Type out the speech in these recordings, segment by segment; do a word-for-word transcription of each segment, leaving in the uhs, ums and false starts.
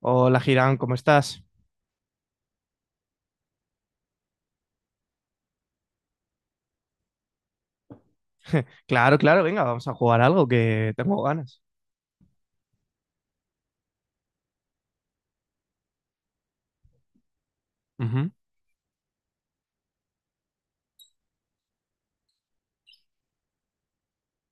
Hola, Girán, ¿cómo estás? Claro, claro, venga, vamos a jugar algo que tengo ganas. Ujú,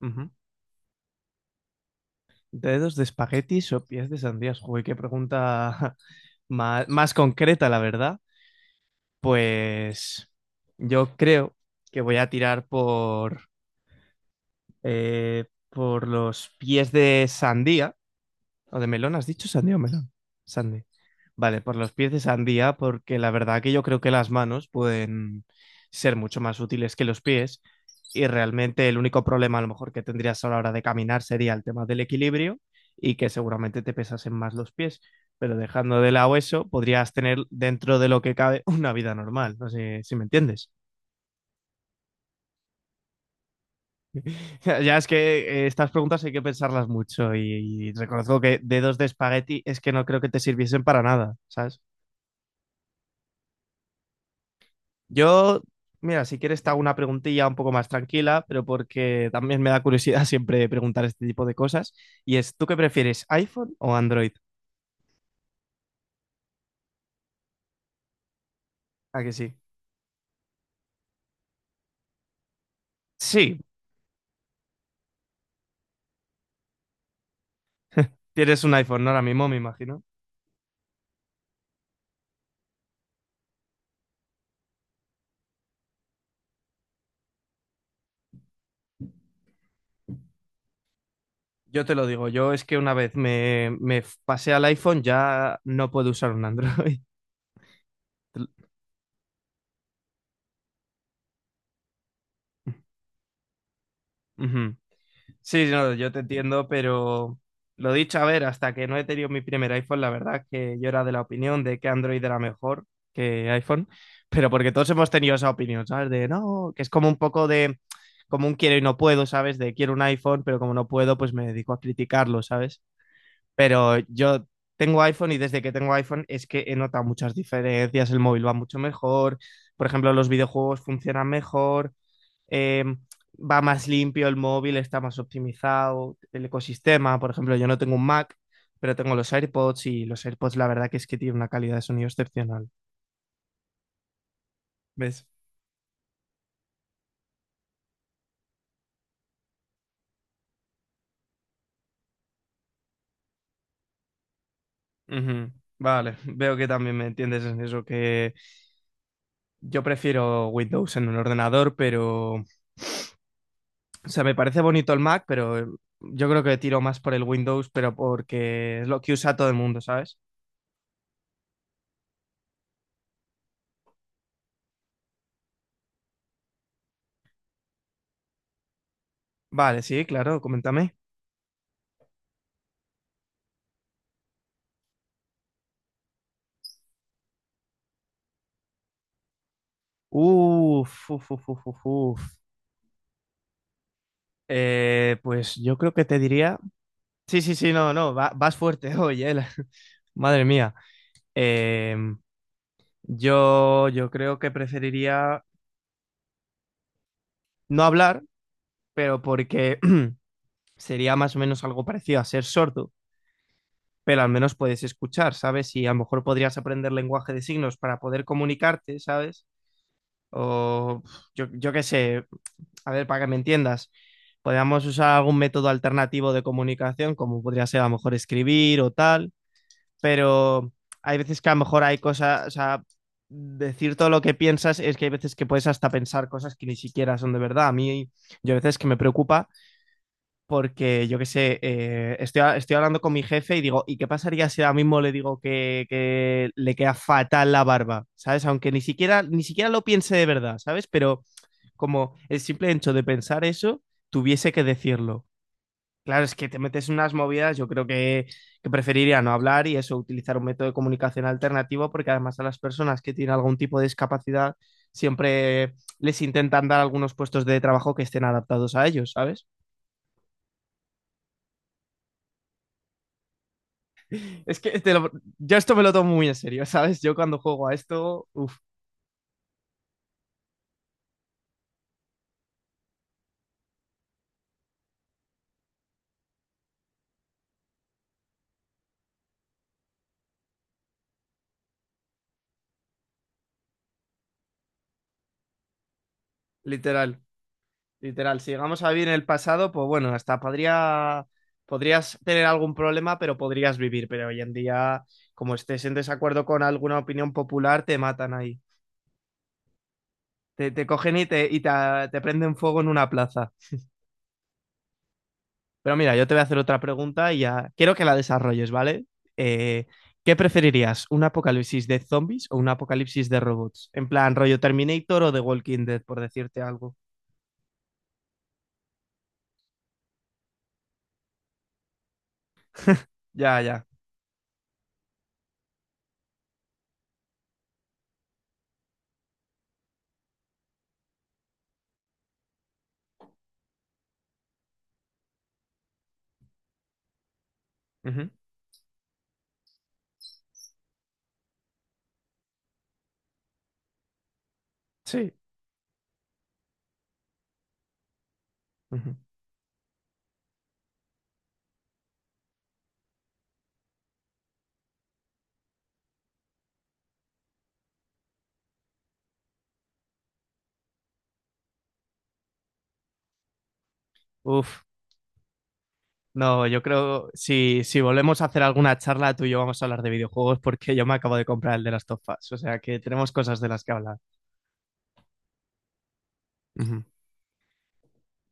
ujú. ¿Dedos de espaguetis o pies de sandías? Joder, qué pregunta más, más concreta, la verdad. Pues yo creo que voy a tirar por, eh, por los pies de sandía. ¿O de melón has dicho? ¿Sandía o melón? Sandy. Vale, por los pies de sandía, porque la verdad que yo creo que las manos pueden ser mucho más útiles que los pies. Y realmente el único problema a lo mejor que tendrías a la hora de caminar sería el tema del equilibrio y que seguramente te pesasen más los pies. Pero dejando de lado eso, podrías tener dentro de lo que cabe una vida normal. No sé si me entiendes. Ya es que eh, estas preguntas hay que pensarlas mucho y, y reconozco que dedos de espagueti es que no creo que te sirviesen para nada, ¿sabes? Yo, mira, si quieres te hago una preguntilla un poco más tranquila, pero porque también me da curiosidad siempre preguntar este tipo de cosas. Y es, ¿tú qué prefieres, iPhone o Android? ¿A que sí? Sí, tienes un iPhone, ¿no? Ahora mismo, me imagino. Yo te lo digo, yo es que una vez me, me pasé al iPhone ya no puedo usar un Android. Ujú. Sí, no, yo te entiendo, pero lo dicho, a ver, hasta que no he tenido mi primer iPhone, la verdad es que yo era de la opinión de que Android era mejor que iPhone, pero porque todos hemos tenido esa opinión, ¿sabes? De no, que es como un poco de, como un quiero y no puedo, ¿sabes? De quiero un iPhone, pero como no puedo, pues me dedico a criticarlo, ¿sabes? Pero yo tengo iPhone y desde que tengo iPhone es que he notado muchas diferencias, el móvil va mucho mejor, por ejemplo, los videojuegos funcionan mejor eh, va más limpio el móvil, está más optimizado el ecosistema. Por ejemplo, yo no tengo un Mac, pero tengo los AirPods y los AirPods la verdad que es que tienen una calidad de sonido excepcional. ¿Ves? Ujú. Vale, veo que también me entiendes en eso, que yo prefiero Windows en un ordenador, pero, o sea, me parece bonito el Mac, pero eh, yo creo que tiro más por el Windows, pero porque es lo que usa todo el mundo, ¿sabes? Vale, sí, claro, coméntame. Uf, uf, uf, uf, uf, uf. Eh, pues yo creo que te diría. Sí, sí, sí, no, no, va- vas fuerte hoy, eh. la- Madre mía. Eh, yo, yo creo que preferiría no hablar, pero porque sería más o menos algo parecido a ser sordo, pero al menos puedes escuchar, ¿sabes? Y a lo mejor podrías aprender lenguaje de signos para poder comunicarte, ¿sabes? O yo, yo qué sé, a ver, para que me entiendas, podríamos usar algún método alternativo de comunicación, como podría ser a lo mejor escribir o tal, pero hay veces que a lo mejor hay cosas, o sea, decir todo lo que piensas es que hay veces que puedes hasta pensar cosas que ni siquiera son de verdad. A mí, yo a veces que me preocupa porque yo qué sé, eh, estoy, estoy hablando con mi jefe y digo, ¿y qué pasaría si ahora mismo le digo que, que le queda fatal la barba? ¿Sabes? Aunque ni siquiera, ni siquiera lo piense de verdad, ¿sabes? Pero como el simple hecho de pensar eso, tuviese que decirlo. Claro, es que te metes en unas movidas, yo creo que, que preferiría no hablar y eso, utilizar un método de comunicación alternativo, porque además a las personas que tienen algún tipo de discapacidad siempre les intentan dar algunos puestos de trabajo que estén adaptados a ellos, ¿sabes? Es que te lo- yo esto me lo tomo muy en serio, ¿sabes? Yo cuando juego a esto, uff, literal, literal. Si llegamos a vivir en el pasado, pues bueno, hasta podría, podrías tener algún problema, pero podrías vivir, pero hoy en día, como estés en desacuerdo con alguna opinión popular, te matan ahí. Te, te cogen y, te, y te, te prenden fuego en una plaza. Pero mira, yo te voy a hacer otra pregunta y ya quiero que la desarrolles, ¿vale? Eh, ¿Qué preferirías? ¿Un apocalipsis de zombies o un apocalipsis de robots? En plan, rollo Terminator o The Walking Dead, por decirte algo. Ya, ya. Ujú. Sí. Ujú. Uf. No, yo creo, si, si volvemos a hacer alguna charla, tú y yo vamos a hablar de videojuegos porque yo me acabo de comprar el de las Last of Us. O sea que tenemos cosas de las que hablar. Ujú.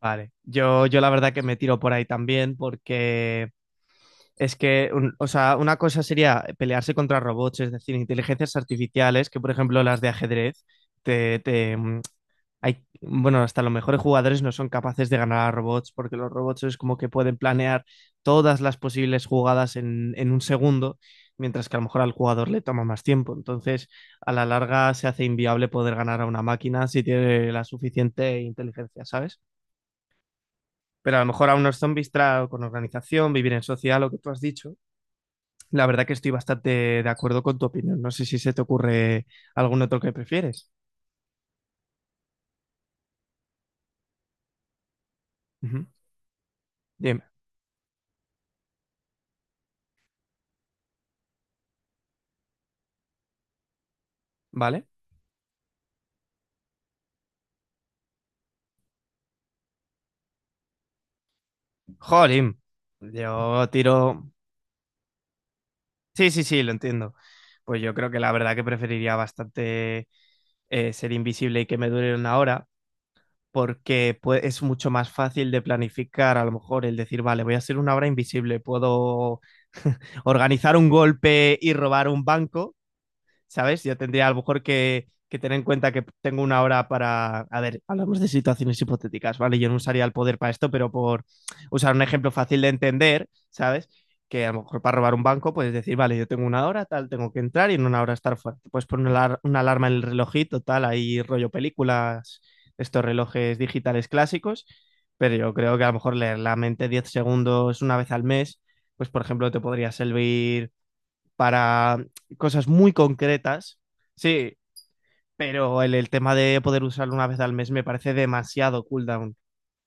Vale. Yo, yo la verdad que me tiro por ahí también, porque es que, un- o sea, una cosa sería pelearse contra robots, es decir, inteligencias artificiales, que por ejemplo las de ajedrez, te, te, mm, hay, bueno, hasta los mejores jugadores no son capaces de ganar a robots, porque los robots es como que pueden planear todas las posibles jugadas en, en un segundo, mientras que a lo mejor al jugador le toma más tiempo. Entonces, a la larga se hace inviable poder ganar a una máquina si tiene la suficiente inteligencia, ¿sabes? Pero a lo mejor a unos zombies tra- con organización, vivir en social, lo que tú has dicho, la verdad que estoy bastante de acuerdo con tu opinión. No sé si se te ocurre algún otro que prefieres. Ujú. Dime, ¿vale? Jolín, yo tiro... Sí, sí, sí, lo entiendo. Pues yo creo que la verdad que preferiría bastante eh, ser invisible y que me dure una hora, porque pue- es mucho más fácil de planificar, a lo mejor, el decir, vale, voy a ser una hora invisible, puedo organizar un golpe y robar un banco, ¿sabes? Yo tendría a lo mejor que, que tener en cuenta que tengo una hora para... A ver, hablamos de situaciones hipotéticas, ¿vale? Yo no usaría el poder para esto, pero por usar un ejemplo fácil de entender, ¿sabes? Que a lo mejor para robar un banco puedes decir, vale, yo tengo una hora, tal, tengo que entrar y en una hora estar fuera. Te puedes poner una, alar- una alarma en el relojito, tal, ahí rollo películas, estos relojes digitales clásicos, pero yo creo que a lo mejor leer la mente diez segundos una vez al mes, pues por ejemplo te podría servir para cosas muy concretas. Sí, pero el, el tema de poder usarlo una vez al mes me parece demasiado cooldown.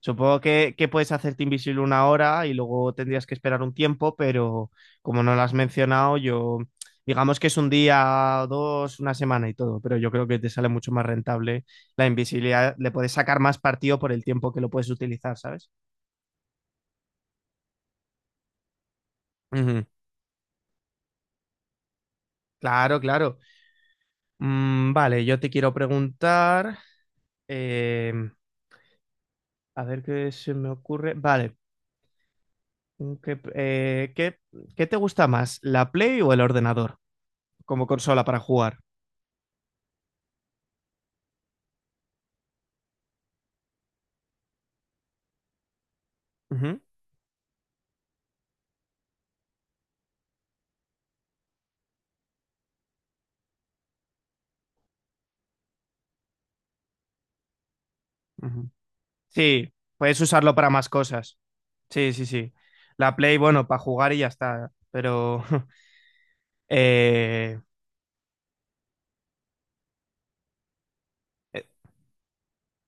Supongo que, que puedes hacerte invisible una hora y luego tendrías que esperar un tiempo, pero como no lo has mencionado, yo digamos que es un día, dos, una semana y todo, pero yo creo que te sale mucho más rentable la invisibilidad, le puedes sacar más partido por el tiempo que lo puedes utilizar, ¿sabes? Ujú. Claro, claro. Mm, vale, yo te quiero preguntar, eh, a ver qué se me ocurre. Vale. mm, ¿Qué, eh, qué- qué te gusta más, la Play o el ordenador como consola para jugar? Ujú. Ujú. Sí, puedes usarlo para más cosas. Sí, sí, sí. La Play, bueno, para jugar y ya está. Pero eh, eh,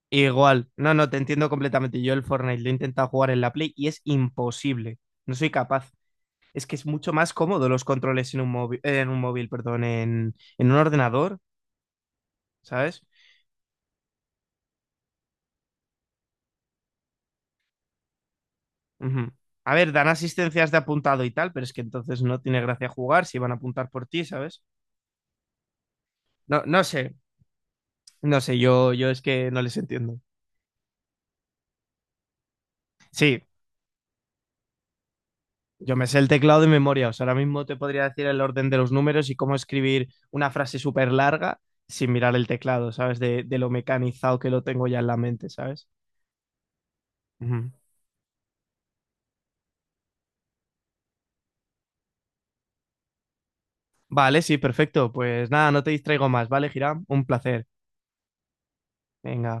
igual, no, no, te entiendo completamente. Yo el Fortnite lo he intentado jugar en la Play y es imposible. No soy capaz. Es que es mucho más cómodo los controles en un móvil, en un móvil, perdón, en, en un ordenador, ¿sabes? Ujú. A ver, dan asistencias de apuntado y tal, pero es que entonces no tiene gracia jugar si van a apuntar por ti, ¿sabes? No, no sé, no sé, yo, yo es que no les entiendo. Sí, yo me sé el teclado de memoria, o sea, ahora mismo te podría decir el orden de los números y cómo escribir una frase súper larga sin mirar el teclado, ¿sabes? De, de lo mecanizado que lo tengo ya en la mente, ¿sabes? Ujú. Vale, sí, perfecto. Pues nada, no te distraigo más, ¿vale, Hiram? Un placer. Venga.